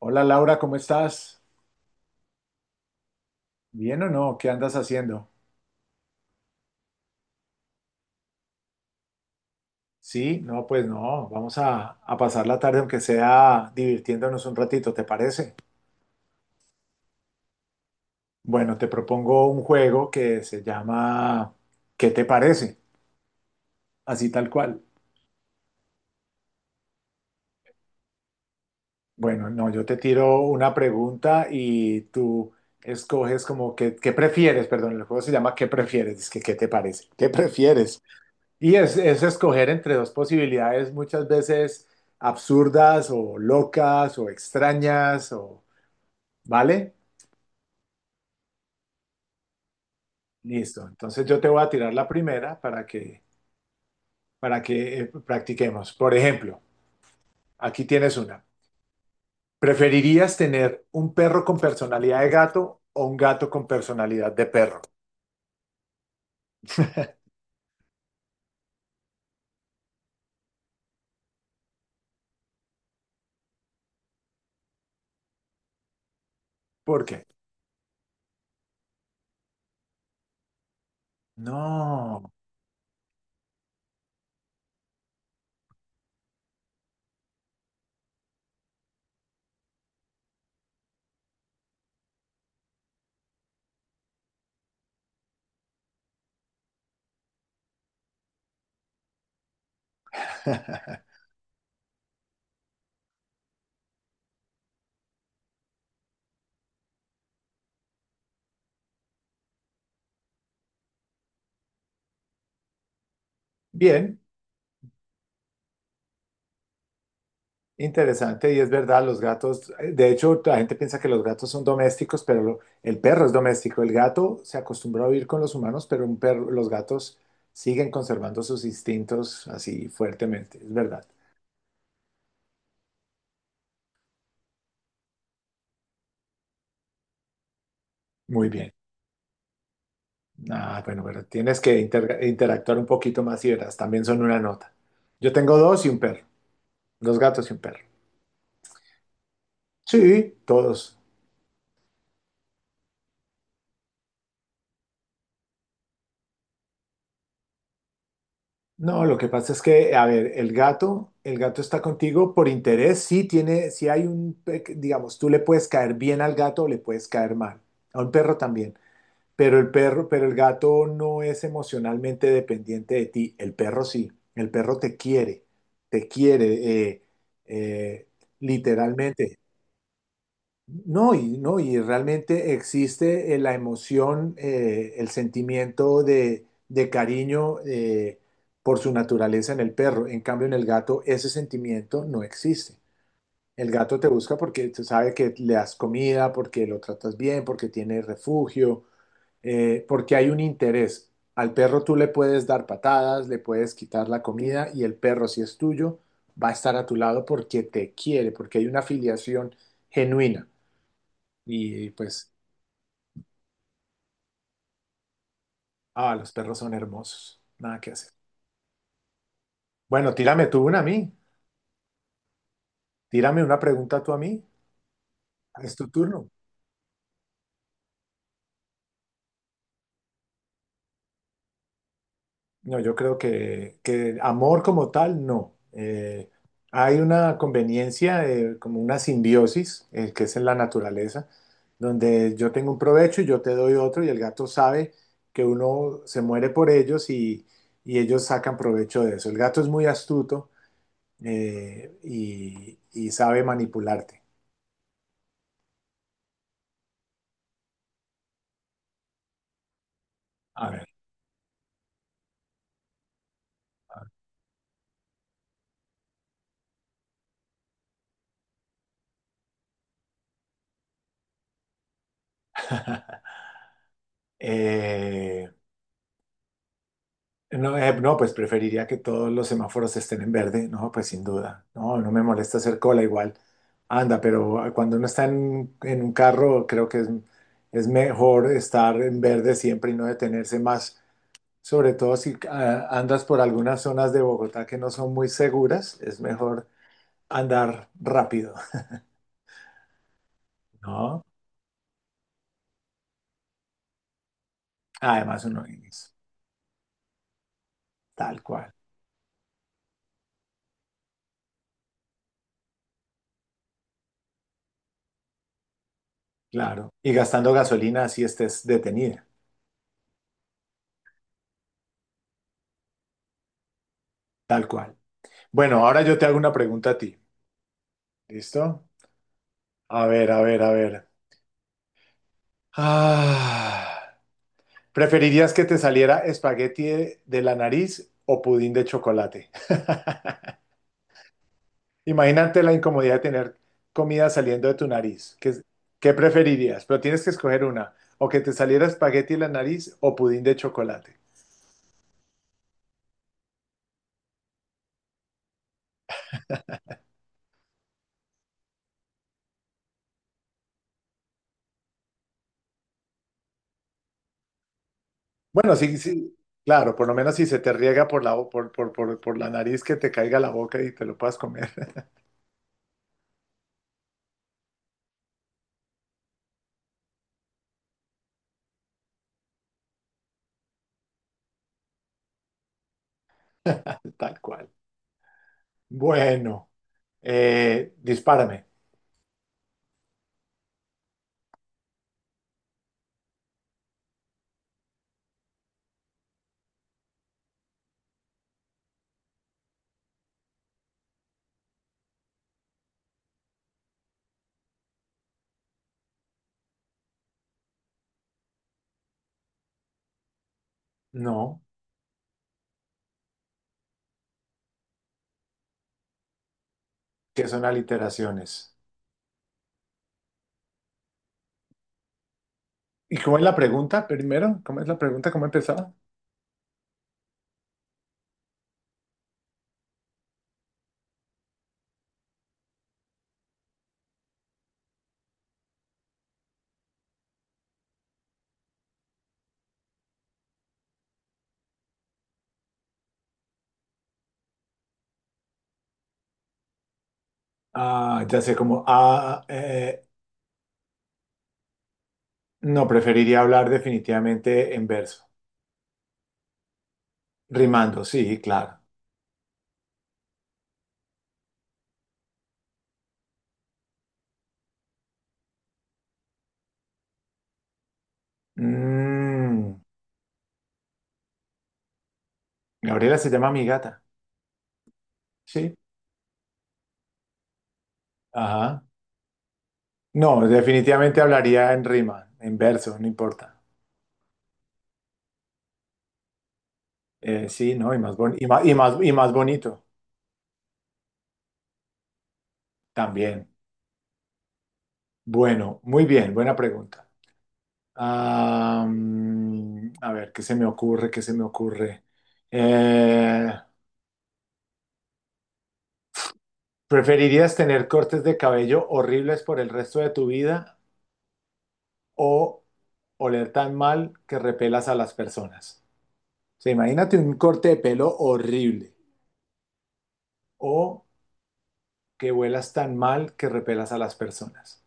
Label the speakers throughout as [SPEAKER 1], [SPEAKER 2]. [SPEAKER 1] Hola Laura, ¿cómo estás? ¿Bien o no? ¿Qué andas haciendo? Sí, no, pues no, vamos a pasar la tarde aunque sea divirtiéndonos un ratito, ¿te parece? Bueno, te propongo un juego que se llama ¿Qué te parece? Así tal cual. Bueno, no, yo te tiro una pregunta y tú escoges como que, ¿qué prefieres? Perdón, el juego se llama ¿Qué prefieres? Es que ¿qué te parece? ¿Qué prefieres? Y es escoger entre dos posibilidades muchas veces absurdas o locas o extrañas o, ¿vale? Listo. Entonces yo te voy a tirar la primera para que practiquemos. Por ejemplo, aquí tienes una. ¿Preferirías tener un perro con personalidad de gato o un gato con personalidad de perro? ¿Por qué? No. Bien. Interesante, y es verdad, los gatos, de hecho, la gente piensa que los gatos son domésticos, pero el perro es doméstico. El gato se acostumbró a vivir con los humanos, pero un perro, los gatos siguen conservando sus instintos así fuertemente, es verdad. Muy bien. Ah, bueno, pero tienes que interactuar un poquito más y verás, también son una nota. Yo tengo dos y un perro, dos gatos y un perro. Sí, todos. No, lo que pasa es que, a ver, el gato está contigo por interés, sí tiene, sí hay un, digamos, tú le puedes caer bien al gato o le puedes caer mal, a un perro también, pero el gato no es emocionalmente dependiente de ti, el perro sí, el perro te quiere, eh, literalmente. No, y, no, y realmente existe la emoción, el sentimiento de cariño por su naturaleza en el perro. En cambio, en el gato ese sentimiento no existe. El gato te busca porque te sabe que le das comida, porque lo tratas bien, porque tiene refugio, porque hay un interés. Al perro tú le puedes dar patadas, le puedes quitar la comida y el perro, si es tuyo, va a estar a tu lado porque te quiere, porque hay una afiliación genuina. Y pues, ah, los perros son hermosos. Nada que hacer. Bueno, tírame tú una a mí. Tírame una pregunta tú a mí. Es tu turno. No, yo creo que amor como tal, no. Hay una conveniencia, como una simbiosis, que es en la naturaleza, donde yo tengo un provecho y yo te doy otro y el gato sabe que uno se muere por ellos y ellos sacan provecho de eso. El gato es muy astuto y sabe manipularte. A ver. Eh, no, no, pues preferiría que todos los semáforos estén en verde, no, pues sin duda, no, no me molesta hacer cola igual, anda, pero cuando uno está en un carro creo que es mejor estar en verde siempre y no detenerse más, sobre todo si andas por algunas zonas de Bogotá que no son muy seguras, es mejor andar rápido, ¿no? Además uno es tal cual, claro, y gastando gasolina si estés detenida, tal cual. Bueno, ahora yo te hago una pregunta a ti. ¿Listo? A ver, a ver, a ver. Ah, ¿preferirías que te saliera espagueti de la nariz o pudín de chocolate? Imagínate la incomodidad de tener comida saliendo de tu nariz. ¿Qué, qué preferirías? Pero tienes que escoger una. O que te saliera espagueti de la nariz o pudín de chocolate. Bueno, sí, sí, claro, por lo menos si se te riega por por la nariz que te caiga a la boca y te lo puedas comer tal cual. Bueno, dispárame. No, ¿qué son aliteraciones? ¿Y cómo es la pregunta primero? ¿Cómo es la pregunta? ¿Cómo empezaba? Ah, ya sé, como, no, preferiría hablar definitivamente en verso. Rimando, sí, claro. Mm, Gabriela se llama mi gata. Sí. Ajá. No, definitivamente hablaría en rima, en verso, no importa. Sí, ¿no? Y más, y más, y más, y más bonito también. Bueno, muy bien, buena pregunta. A ver, ¿qué se me ocurre? ¿Qué se me ocurre? Eh, ¿Preferirías tener cortes de cabello horribles por el resto de tu vida o oler tan mal que repelas a las personas? O sea, imagínate un corte de pelo horrible o que huelas tan mal que repelas a las personas.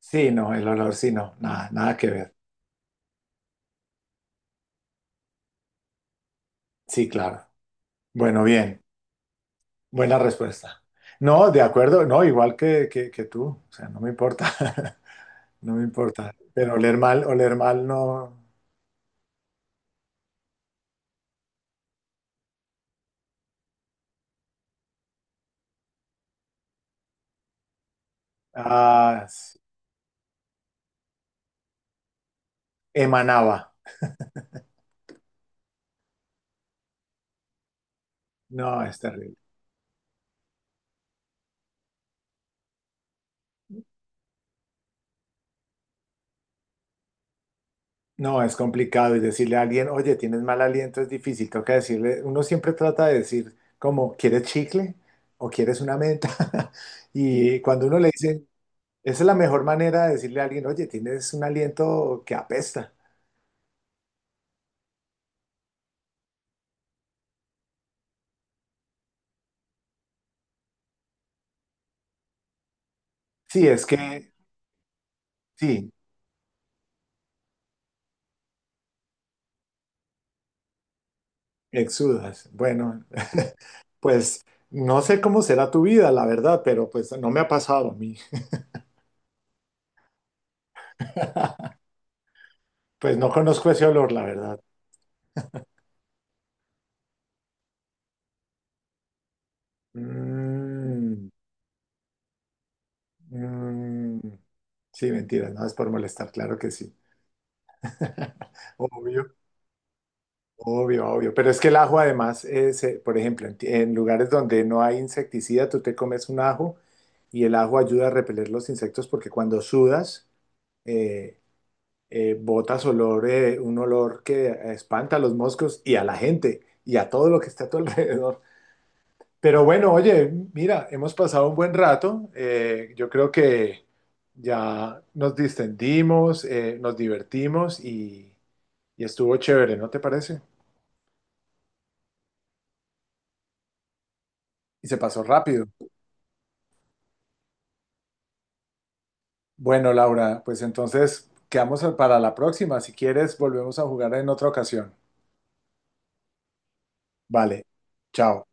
[SPEAKER 1] Sí, no, el olor sí, no, nada, nada que ver. Sí, claro. Bueno, bien, buena respuesta. No, de acuerdo, no, igual que tú, o sea, no me importa. No me importa. Pero oler mal no. Ah, emanaba. No, es terrible. No, es complicado. Y decirle a alguien, oye, tienes mal aliento, es difícil. Toca decirle, uno siempre trata de decir, como, ¿quieres chicle? ¿O quieres una menta? Y cuando uno le dice, esa es la mejor manera de decirle a alguien, oye, tienes un aliento que apesta. Sí, es que, sí, exudas. Bueno, pues no sé cómo será tu vida, la verdad, pero pues no me ha pasado a mí. Pues no conozco ese olor, la verdad. Mm, mm. Sí, mentira, no es por molestar, claro que sí. Obvio, obvio, obvio. Pero es que el ajo además, por ejemplo, en, en lugares donde no hay insecticida, tú te comes un ajo y el ajo ayuda a repeler los insectos porque cuando sudas, eh, botas olor, un olor que espanta a los moscos y a la gente y a todo lo que está a tu alrededor. Pero bueno, oye, mira, hemos pasado un buen rato. Yo creo que ya nos distendimos, nos divertimos y estuvo chévere, ¿no te parece? Y se pasó rápido. Bueno, Laura, pues entonces quedamos para la próxima. Si quieres, volvemos a jugar en otra ocasión. Vale, chao.